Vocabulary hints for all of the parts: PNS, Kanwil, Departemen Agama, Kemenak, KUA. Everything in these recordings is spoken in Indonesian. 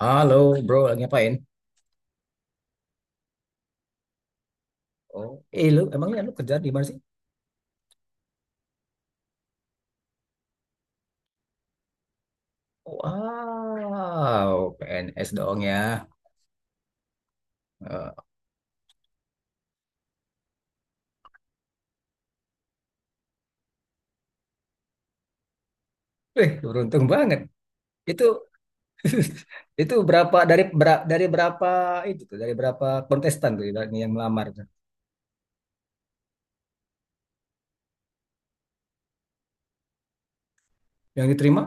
Halo, bro, lagi ngapain? Oh, eh lu emangnya kerja di mana sih? Wow, PNS dong ya. Eh, beruntung banget. Itu itu berapa dari berapa itu tuh, dari berapa kontestan tuh yang melamar tuh? Yang diterima?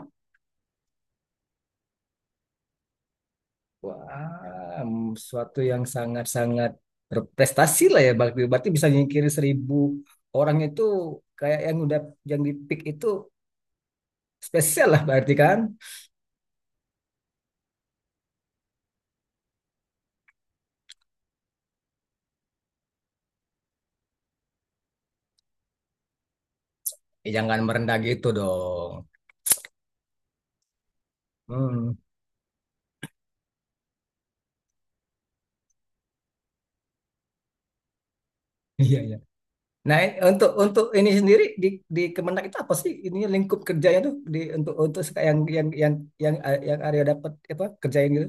Wah, suatu yang sangat-sangat berprestasi lah ya. Berarti bisa nyingkirin 1000 orang itu kayak yang di pick itu spesial lah berarti kan? Eh, jangan merendah gitu dong. Hmm, iya iya. Nah, untuk ini sendiri di Kemenak itu apa sih ini lingkup kerjanya tuh di untuk yang yang Arya dapat apa kerjain gitu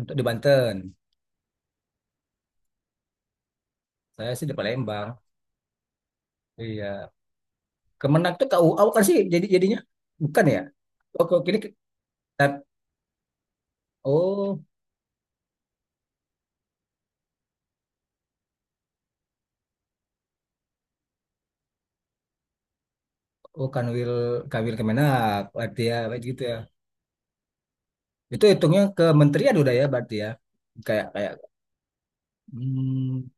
untuk di Banten. Saya sih di Palembang. Iya. Kemenak tuh KUA bukan sih jadinya bukan ya? Oh, kok ini ke- tar- oh oh Kanwil, Kanwil Kemenak berarti ya kayak gitu ya. Itu hitungnya kementerian udah ya berarti ya. Kayak kayak hmm,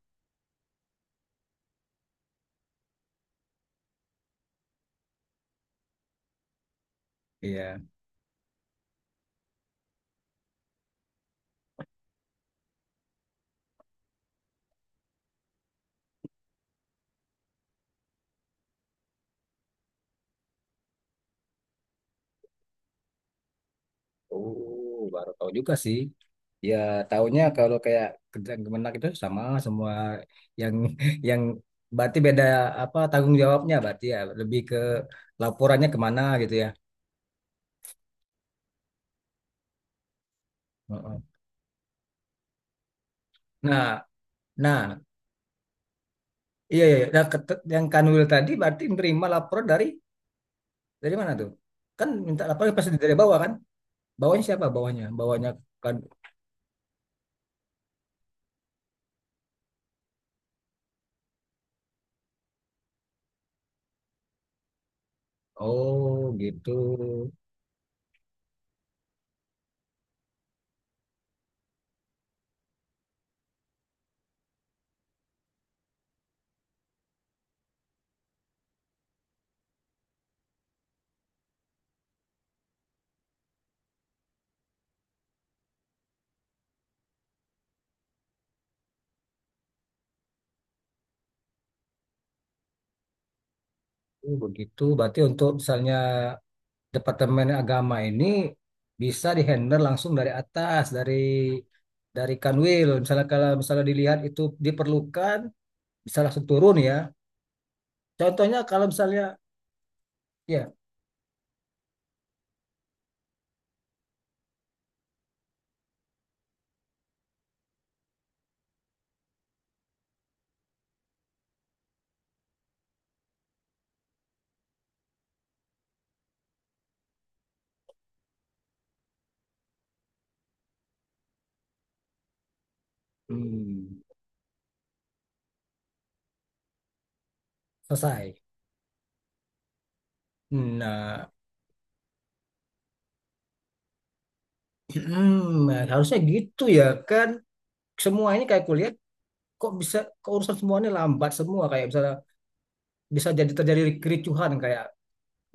iya. Oh, baru tahu juga sih. Ya, taunya kalau kayak kerjaan kemenak itu sama semua yang yang berarti beda apa tanggung jawabnya berarti ya lebih ke laporannya kemana gitu ya. Heeh. Nah, nah, iya, iya, iya. Nah, yang Kanwil tadi berarti menerima laporan dari mana tuh? Kan minta laporan pasti dari bawah kan? Bawahnya siapa? Bawahnya kan. Oh, gitu. Oh, begitu. Berarti untuk misalnya Departemen Agama ini bisa dihandle langsung dari atas, dari Kanwil. Misalnya kalau misalnya dilihat itu diperlukan, bisa langsung turun ya. Contohnya kalau misalnya ya hmm, selesai. Nah, nah, harusnya gitu ya kan. Semuanya kayak kulihat kok bisa keurusan semuanya lambat semua kayak misalnya bisa jadi terjadi kericuhan kayak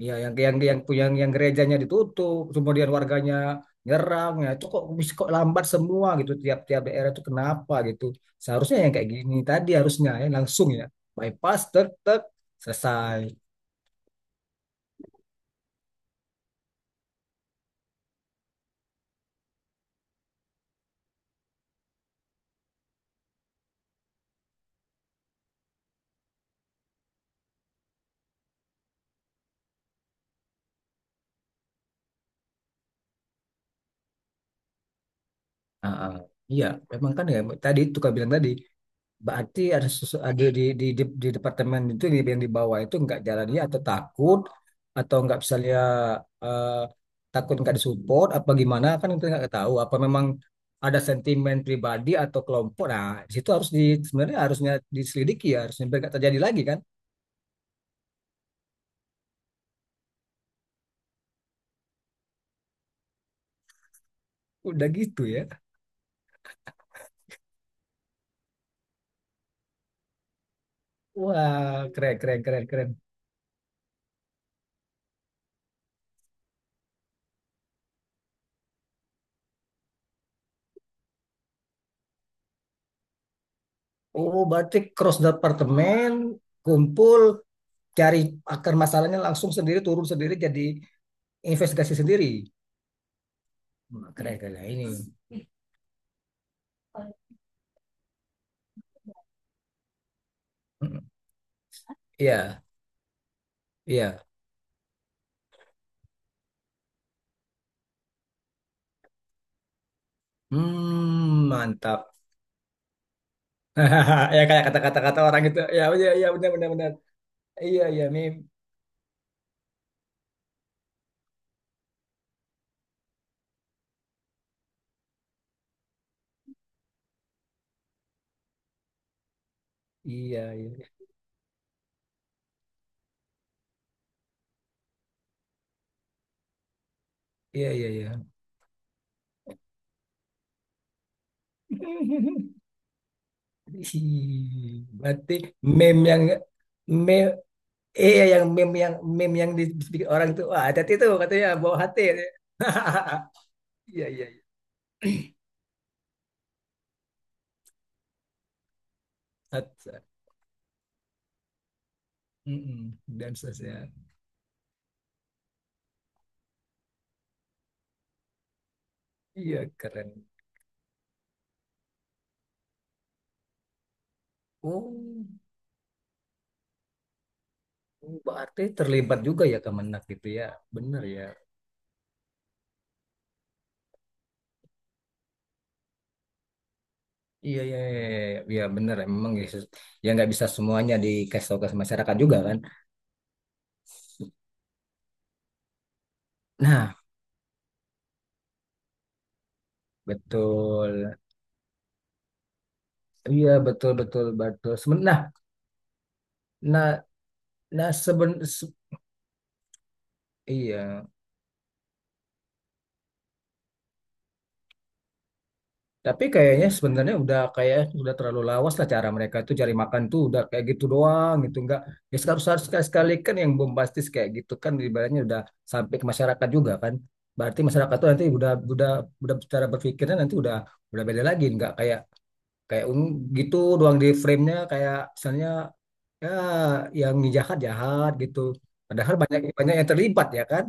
iya, yang gerejanya ditutup, kemudian warganya nyerang ya. Itu kok bisa kok lambat semua gitu tiap-tiap daerah itu kenapa gitu. Seharusnya yang kayak gini tadi harusnya ya langsung ya. Bypass tek tek selesai. Ah, ah. Iya, memang kan ya tadi itu kan bilang tadi. Berarti ada ada di departemen itu yang di bawah itu nggak jalannya atau takut atau nggak bisa lihat, eh, takut nggak disupport apa gimana kan itu nggak tahu apa memang ada sentimen pribadi atau kelompok, nah di situ harus sebenarnya harusnya diselidiki ya harusnya biar nggak terjadi lagi kan udah gitu ya. Wah, keren keren. Oh, berarti cross departemen kumpul cari akar masalahnya langsung sendiri turun sendiri jadi investigasi sendiri. Wah, keren keren. Nah, ini. Hmm, Iya iya. Hmm, mantap. Ya kayak kata orang itu. Ya iya iya benar benar benar. Iya iya mim. Iya iya iya iya iya. Ih, berarti meme yang meme iya yang meme yang dibikin orang itu, wah hati-hati tuh katanya bawa hati. Iya iya iya. Hat- Mm-mm. Dan sosial. Iya keren. Oh. Oh, berarti terlibat juga ya Kemenak gitu ya. Bener ya. Iya, iya, iya, iya, iya. Iya, bener ya. Memang ya, ya nggak bisa semuanya dikasih tahu ke masyarakat juga kan. Nah, betul. Iya, betul, betul, betul. Seben- Nah, nah, nah seben, se- iya. Tapi kayaknya sebenarnya udah kayak udah terlalu lawas lah cara mereka tuh cari makan tuh udah kayak gitu doang gitu nggak. Ya harus harus sekali sekali kan yang bombastis kayak gitu kan ibaratnya udah sampai ke masyarakat juga kan, berarti masyarakat tuh nanti udah cara berpikirnya nanti udah beda lagi, nggak kayak kayak gitu doang di frame-nya kayak misalnya ya yang jahat jahat gitu, padahal banyak banyak yang terlibat ya kan.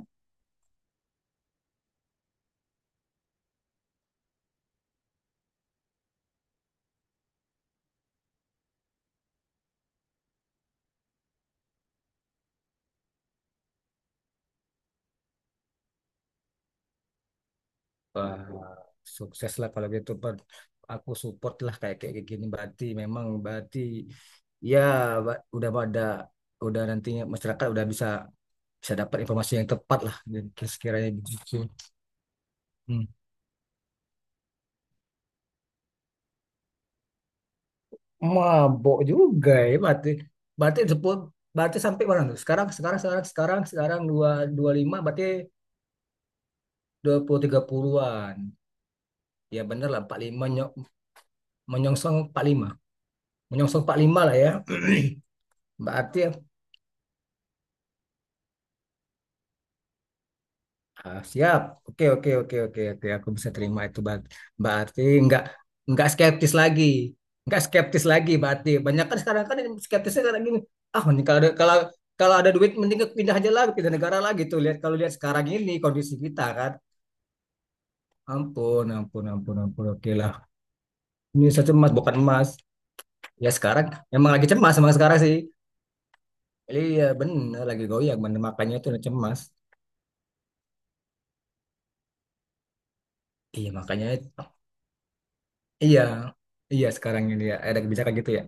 Wah, sukses lah kalau gitu Bud. Aku support lah kayak kayak kayak gini, berarti memang berarti ya udah pada udah nantinya masyarakat udah bisa bisa dapat informasi yang tepat lah dan sekiranya begitu. Hmm. Mabok juga ya berarti. berarti sepul- Berarti sampai mana tuh? Sekarang sekarang sekarang sekarang sekarang dua dua lima, berarti 2030-an. Ya bener lah 45 menyongsong 45, menyongsong 45 lah ya. Berarti ah, siap. Oke, oke, oke, oke, oke. aku bisa terima itu. Berarti nggak nggak skeptis lagi, nggak skeptis lagi. Berarti banyak kan sekarang kan yang skeptisnya sekarang gini. Ah, mending kalau ada, kalau kalau ada duit mending pindah aja lah, pindah negara lah gitu. Lihat kalau lihat sekarang ini kondisi kita kan. Ampun, ampun, ampun, ampun. Oke lah. Ini satu emas bukan emas. Ya sekarang emang lagi cemas emang sekarang sih. Iya bener lagi goyang bener, makanya itu cemas. Iya makanya itu. Iya. Iya sekarang ini ya ada kebijakan gitu ya.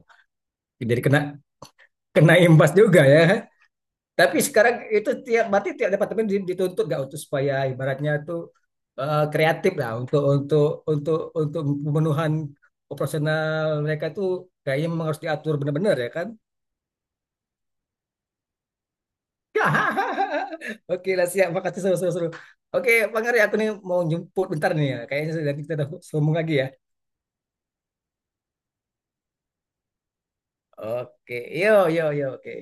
Jadi kena kena imbas juga ya. Tapi sekarang itu tiap berarti tiap departemen dituntut gak untuk supaya ibaratnya tuh, kreatif lah untuk untuk pemenuhan operasional mereka tuh kayaknya memang harus diatur benar-benar ya kan? Oke lah siap, makasih seru-seru. Oke, Bang Ari, aku nih mau jemput bentar nih ya. Kayaknya nanti kita udah sambung lagi ya. Oke, yo yo yo, oke.